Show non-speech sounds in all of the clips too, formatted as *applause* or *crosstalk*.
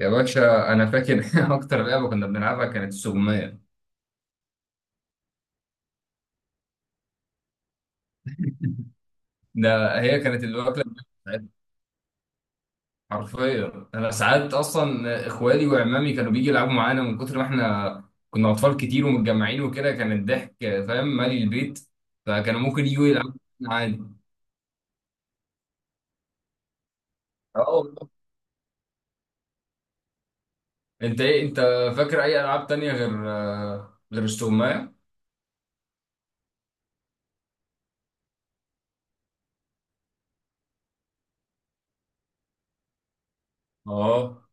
يا باشا انا فاكر. *laughs* اكتر لعبه كنا بنلعبها كانت السجمية. ده هي كانت الوكله بتاعتنا. حرفيا انا ساعات اصلا اخوالي وعمامي كانوا بيجي يلعبوا معانا من كتر ما احنا كنا اطفال كتير ومتجمعين وكده، كان الضحك فاهم مالي البيت، فكانوا ممكن يجوا يلعبوا معانا عادي. اه والله. انت ايه، انت فاكر اي العاب تانية غير السجمية؟ اه.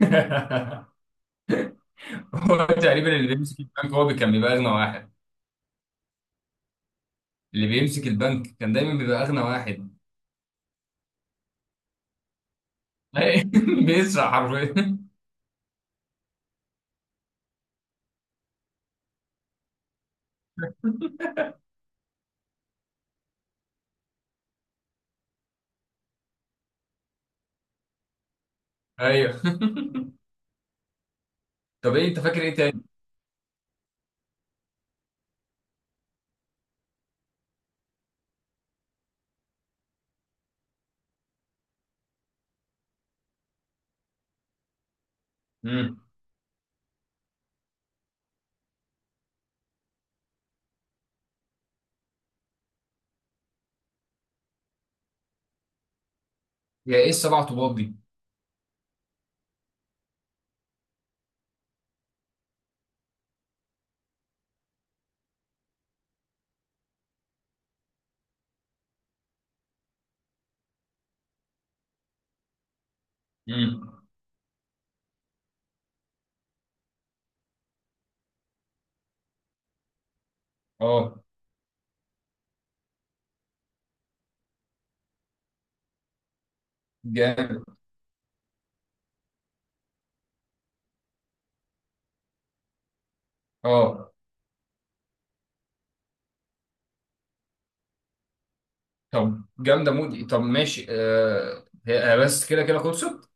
*laughs* هو تقريبا اللي بيمسك البنك هو كان بيبقى اغنى واحد. اللي بيمسك البنك كان دايما بيبقى اغنى واحد. *laughs* بيسرق حرفيا. ايوه. *laughs* طب ايه انت فاكر ايه تاني؟ امم. يا ايه السبع طوبات دي؟ امم. اه. جامد. اه. طب جامده مود. طب ماشي. هي، بس كده كده خلصت.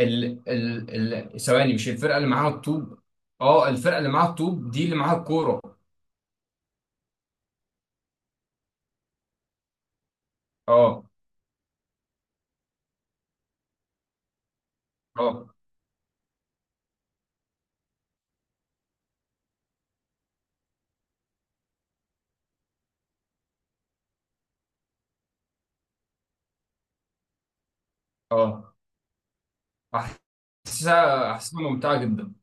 ال ال ال ثواني مش الفرقه اللي معاها الطوب؟ اه الفرقه اللي معاها الطوب دي اللي معاها الكوره. اه. اه. اه. احسها ممتعه جدا.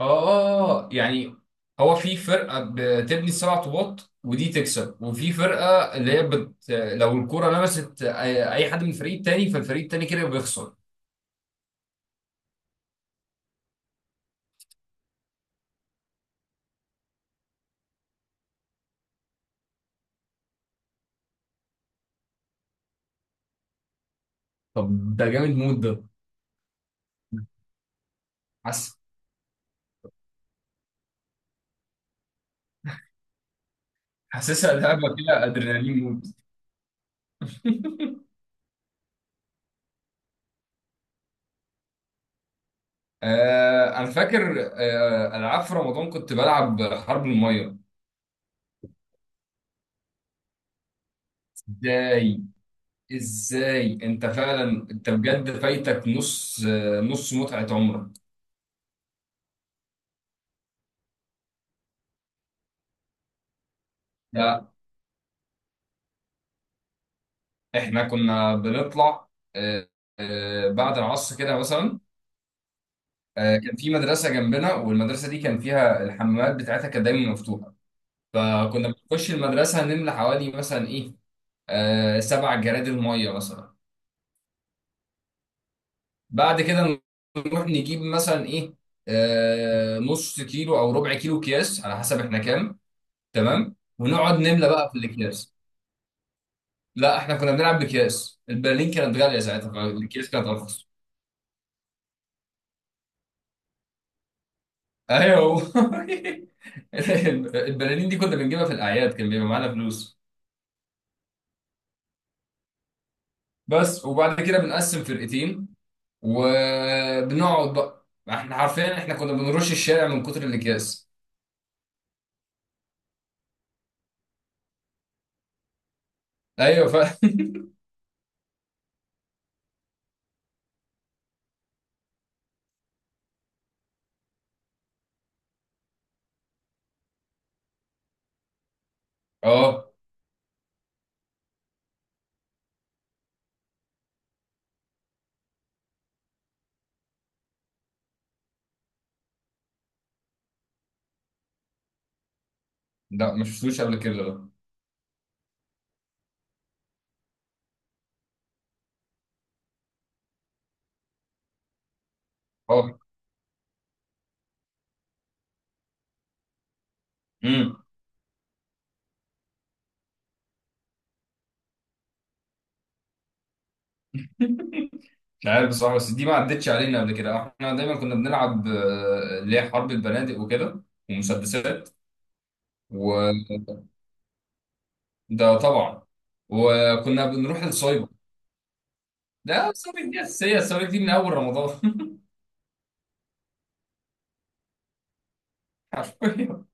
اه يعني هو في فرقه بتبني سبع طوبات ودي تكسب، وفي فرقه اللي هي لو الكره لمست اي أي حد من الفريق التاني فالفريق التاني كده بيخسر. طب ده جامد مود ده. حاسس. حاسسها لعبه فيها ادرينالين مود. *laughs* انا فاكر العاب في رمضان كنت بلعب حرب الميه. ازاي ازاي انت فعلا، انت بجد فايتك نص نص متعه عمرك. ده احنا كنا بنطلع آه، بعد العصر كده مثلا. كان في مدرسه جنبنا، والمدرسه دي كان فيها الحمامات بتاعتها كانت دايما مفتوحه. فكنا بنخش المدرسه نملى حوالي مثلا ايه، سبع جرادل ميه مثلا. بعد كده نروح نجيب مثلا ايه، نص كيلو او ربع كيلو اكياس على حسب احنا كام. تمام. ونقعد نملى بقى في الاكياس. لا، احنا كنا بنلعب باكياس، البرلين كانت غاليه ساعتها فالاكياس كانت ارخص. ايوه. *laughs* هو البلالين دي كنا بنجيبها في الاعياد كان بيبقى معانا فلوس بس. وبعد كده بنقسم فرقتين، وبنقعد بقى احنا حرفيا، احنا كنا بنرش الشارع من كتر الاكياس. ايوه *laughs* اه لا ما شفتوش قبل كده ده. اه. امم. مش عارف بصراحه، بس دي ما عدتش علينا قبل كده. احنا دايما كنا بنلعب اللي هي حرب البنادق وكده ومسدسات. وده طبعا. وكنا بنروح السايبر. ده ثوابت، دي أساسية. الثوابت دي من أول رمضان. *laughs* حرفيا.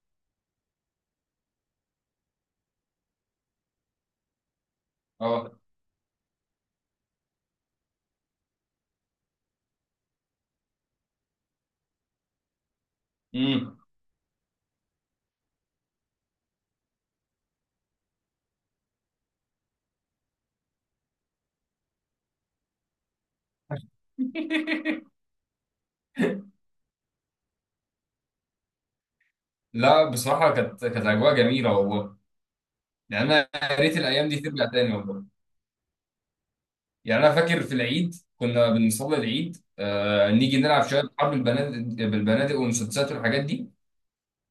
أه. أمم. *laughs* لا، بصراحة كانت أجواء جميلة والله. يعني أنا يا ريت الأيام دي ترجع تاني والله. يعني أنا فاكر في العيد كنا بنصلي العيد، نيجي نلعب شوية حرب البنادق، بالبنادق والمسدسات والحاجات دي.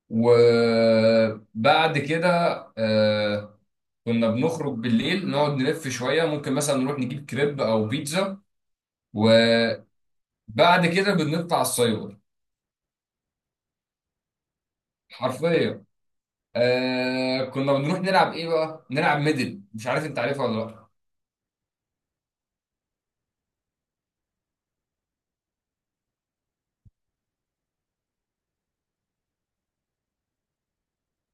وبعد كده آه كنا بنخرج بالليل، نقعد نلف شوية، ممكن مثلا نروح نجيب كريب أو بيتزا. وبعد كده بنطلع السايبر. حرفيا. كنا بنروح نلعب ايه بقى؟ نلعب ميدل، مش عارف انت عارفها ولا لا؟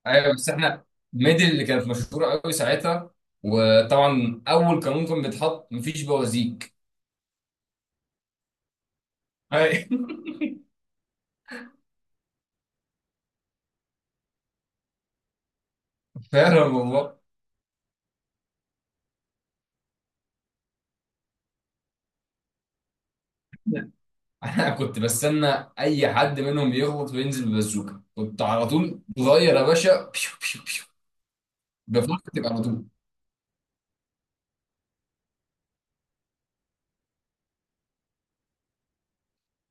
ايوه. بس احنا ميدل اللي كانت مشهوره قوي ساعتها، وطبعا اول قانون كان بيتحط مفيش بوازيك. ايوه. *laughs* فعلا والله. انا كنت بستنى اي حد منهم يغلط وينزل ببازوكه كنت على طول، صغير يا باشا، بيو بيو بيو، بفكر تبقى على طول.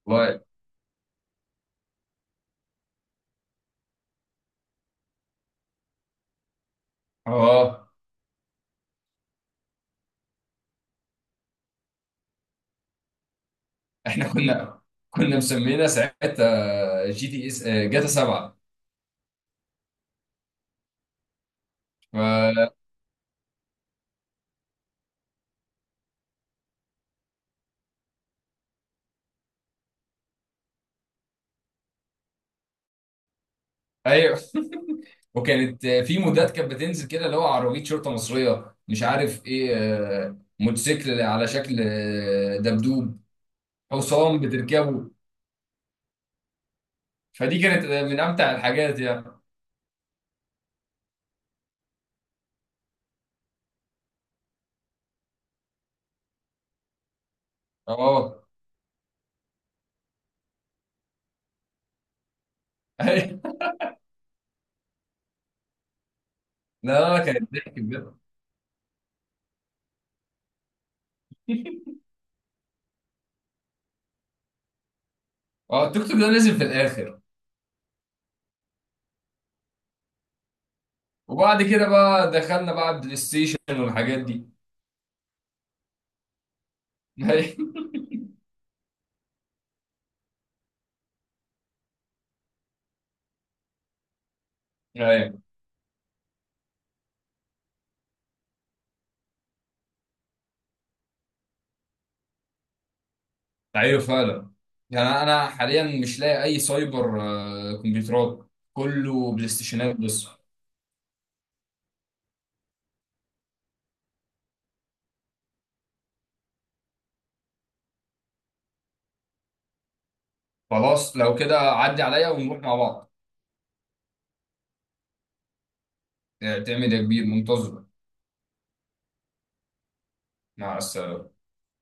والله. اه احنا كنا مسمينا ساعتها جي تي اس جاتا 7. ف ايوه. وكانت في مودات كانت بتنزل كده اللي هو عربيه شرطه مصريه مش عارف ايه، موتوسيكل على شكل دبدوب، حصان بتركبه. فدي كانت من امتع الحاجات يعني. اه. *laughs* لا لا، كانت ضحك بجد. اه. التيك توك ده نزل في الاخر. وبعد كده بقى دخلنا بقى بلاي ستيشن والحاجات دي. *laughs* ايوه ايوه فعلا. يعني انا حاليا مش لاقي اي سايبر، كمبيوترات كله بلاي ستيشنات بس. خلاص لو كده عدي عليا ونروح مع بعض. تعمل يا كبير منتظر. مع السلامة.